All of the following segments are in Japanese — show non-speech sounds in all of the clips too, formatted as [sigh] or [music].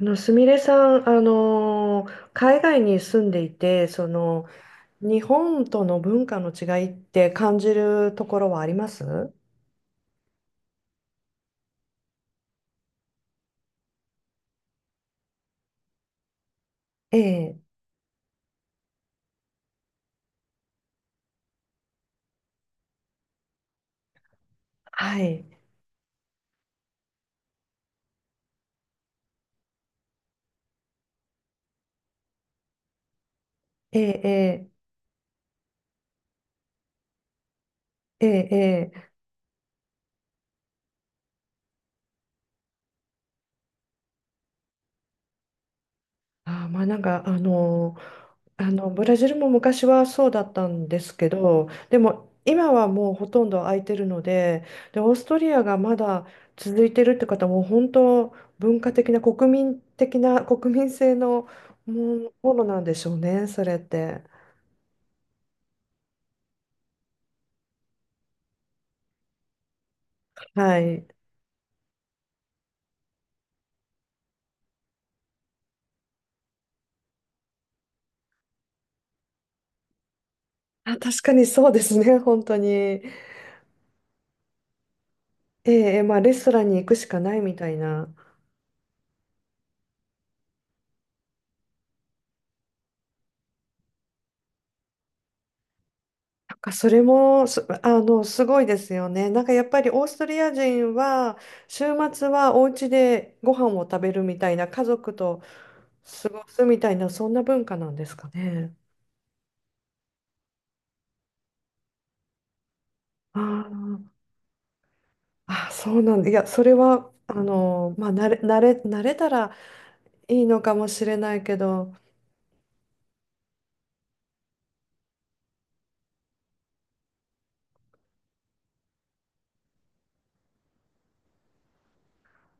すみれさん、海外に住んでいて、日本との文化の違いって感じるところはあります？ええ、はい。ええ、ええ、ええ、え、あー、まあなんかあのブラジルも昔はそうだったんですけど、でも今はもうほとんど空いてるので、で、オーストリアがまだ続いてるって方も本当、文化的な、国民的な、国民性のもものなんでしょうね、それって。はい、あ、確かにそうですね、本当に。ええ、まあ、レストランに行くしかないみたいな。なんかそれもす、あの、すごいですよね。なんかやっぱりオーストリア人は週末はお家でご飯を食べるみたいな、家族と過ごすみたいな、そんな文化なんですかね。あー、あ、そうなんだ。いや、それはまあ、慣れたらいいのかもしれないけど、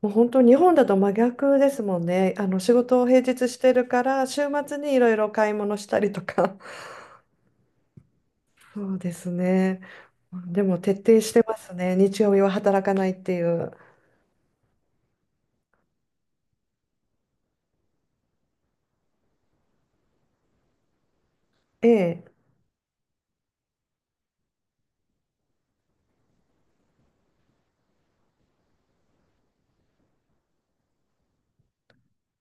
もう本当、日本だと真逆ですもんね。あの、仕事を平日してるから、週末にいろいろ買い物したりとか。そうですね。でも徹底してますね。日曜日は働かないっていう。ええ、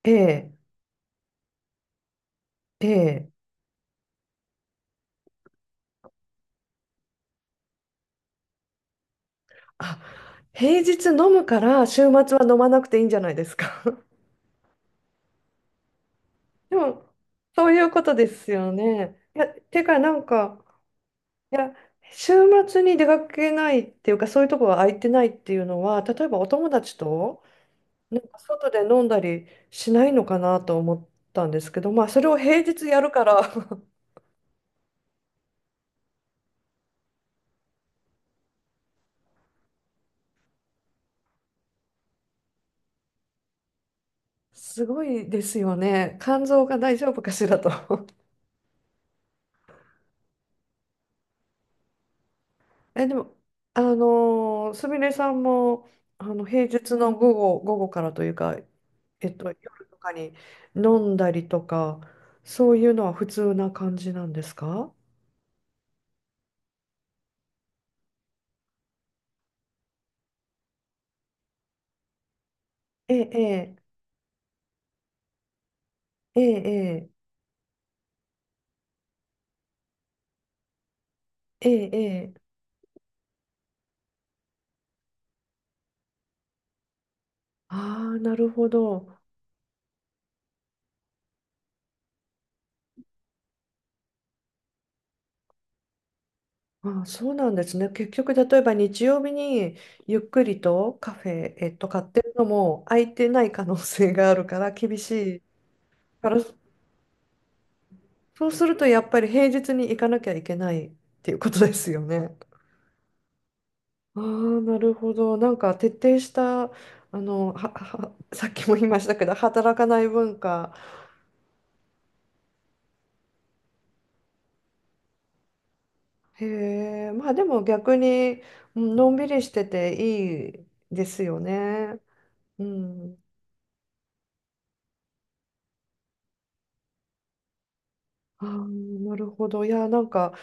ええ、ええ。あ、平日飲むから週末は飲まなくていいんじゃないですか？[laughs] でも、そういうことですよね。いや、てかなんか、いや、週末に出かけないっていうか、そういうとこが空いてないっていうのは、例えばお友達となんか外で飲んだりしないのかなと思ったんですけど、まあ、それを平日やるから。すごいですよね。肝臓が大丈夫かしらと。[laughs] え、でも、あのすみれさんも、あの、平日の午後、午後からというか、夜とかに飲んだりとか、そういうのは普通な感じなんですか？ええ、ええ、ええ、ええ、ええ。ああ、なるほど。ああ、そうなんですね。結局、例えば日曜日にゆっくりとカフェ、買ってるのも空いてない可能性があるから厳しい。から、そうするとやっぱり平日に行かなきゃいけないっていうことですよね。ああ、なるほど。なんか徹底した、あの、さっきも言いましたけど、働かない文化。へえ、まあでも逆に、うん、のんびりしてていいですよね。うん。ああ、なるほど。いや、なんか、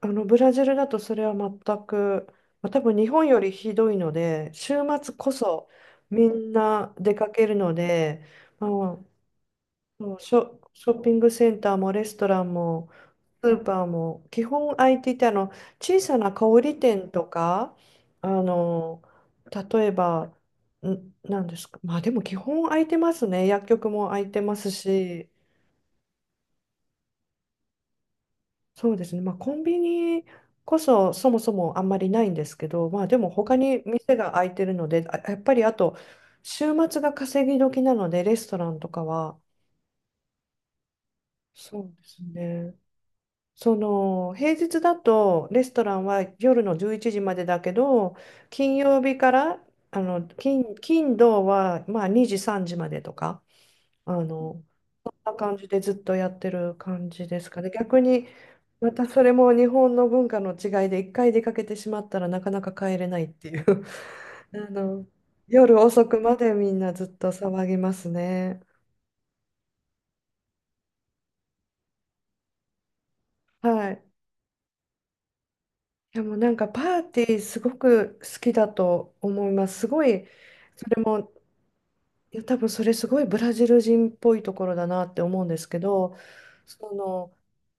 あの、ブラジルだとそれは全く、まあ、多分日本よりひどいので、週末こそみんな出かけるので、まあ、そう、ショッピングセンターもレストランもスーパーも基本空いていて、あの、小さな小売店とか、あの、例えば、んなんですか、まあでも基本空いてますね。薬局も空いてますし、そうですね、まあ、コンビニこそそもそもあんまりないんですけど、まあでも他に店が空いてるので、あ、やっぱり、あと週末が稼ぎ時なのでレストランとかは、そうですね、その、平日だとレストランは夜の11時までだけど、金曜日から、あの、金土はまあ2時3時までとか、あの、そんな感じでずっとやってる感じですかね、逆に。またそれも日本の文化の違いで、一回出かけてしまったらなかなか帰れないっていう。 [laughs] あの、夜遅くまでみんなずっと騒ぎますね。はい。でもなんかパーティーすごく好きだと思います。すごい、それも、いや、多分それすごいブラジル人っぽいところだなって思うんですけど、その、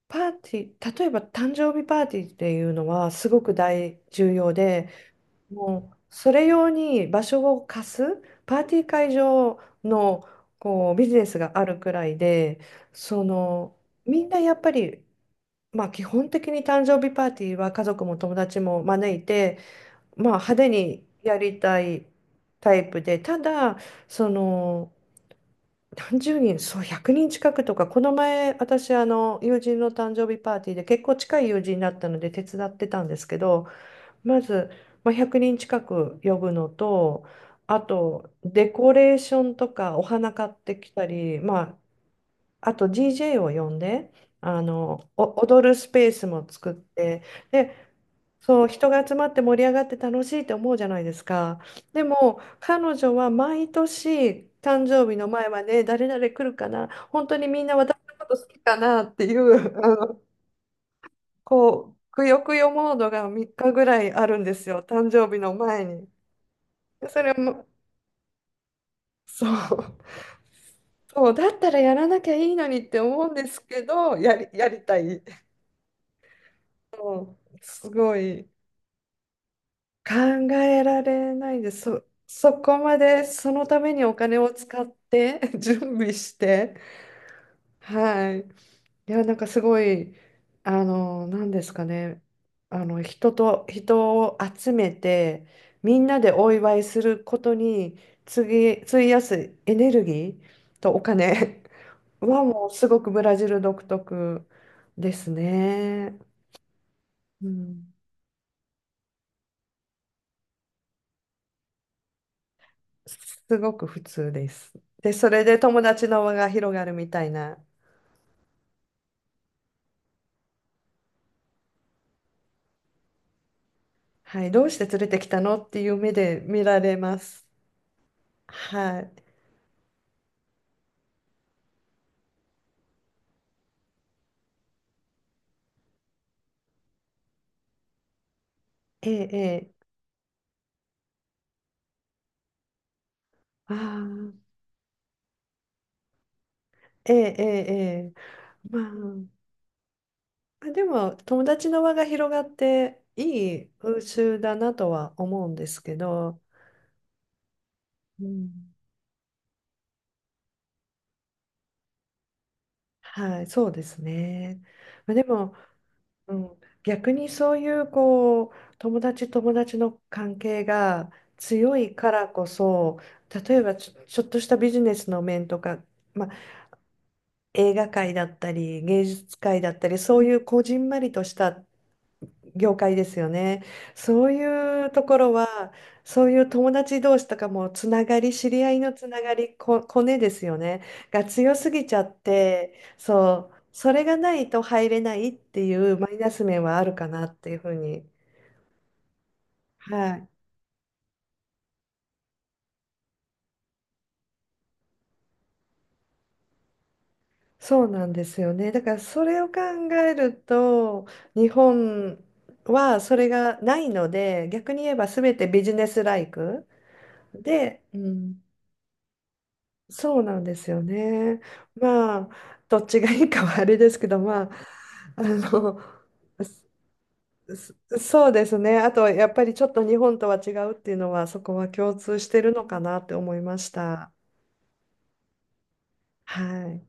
パーティー、例えば誕生日パーティーっていうのはすごく大重要で、もうそれ用に場所を貸すパーティー会場のこうビジネスがあるくらいで、その、みんなやっぱり、まあ、基本的に誕生日パーティーは家族も友達も招いて、まあ、派手にやりたいタイプで、ただ、その。何十人、そう、100人近くとか。この前、私、あの、友人の誕生日パーティーで結構近い友人だったので手伝ってたんですけど、まず、まあ、100人近く呼ぶのと、あと、デコレーションとか、お花買ってきたり、まあ、あと DJ を呼んで、あの、お踊るスペースも作って、で、そう、人が集まって盛り上がって楽しいって思うじゃないですか。でも彼女は毎年誕生日の前まで、誰々来るかな、本当にみんな私のこと好きかなっていう、あの、こう、くよくよモードが3日ぐらいあるんですよ、誕生日の前に。で、それも、そう、そうだったらやらなきゃいいのにって思うんですけど、やりたい。すごい考えられないです。そこまでそのためにお金を使って [laughs] 準備して、はい。いや、なんかすごい、あの、なんですかね、あの、人と、人を集めて、みんなでお祝いすることに、次、費やすエネルギーとお金 [laughs] はもうすごくブラジル独特ですね。うん、すごく普通です。で、それで友達の輪が広がるみたいな。はい、どうして連れてきたのっていう目で見られます。はい。ええ、ええ、ああ、ええ、ええ、ええ、まあでも友達の輪が広がっていい風習だなとは思うんですけど、うん、はい、そうですね。まあ、でも、うん、逆にそういう、こう、友達の関係が強いからこそ、例えば、ちょっとしたビジネスの面とか、まあ、映画界だったり芸術界だったり、そういうこじんまりとした業界ですよね。そういうところは、そういう友達同士とかもつながり、知り合いのつながり、コネですよね。が強すぎちゃって、そう、それがないと入れないっていうマイナス面はあるかなっていうふうに。はい。そうなんですよね。だからそれを考えると、日本はそれがないので、逆に言えば全てビジネスライクで、うん、そうなんですよね。まあ、どっちがいいかはあれですけど、まあ、あの、[laughs] そうですね。あと、やっぱりちょっと日本とは違うっていうのは、そこは共通してるのかなって思いました。はい。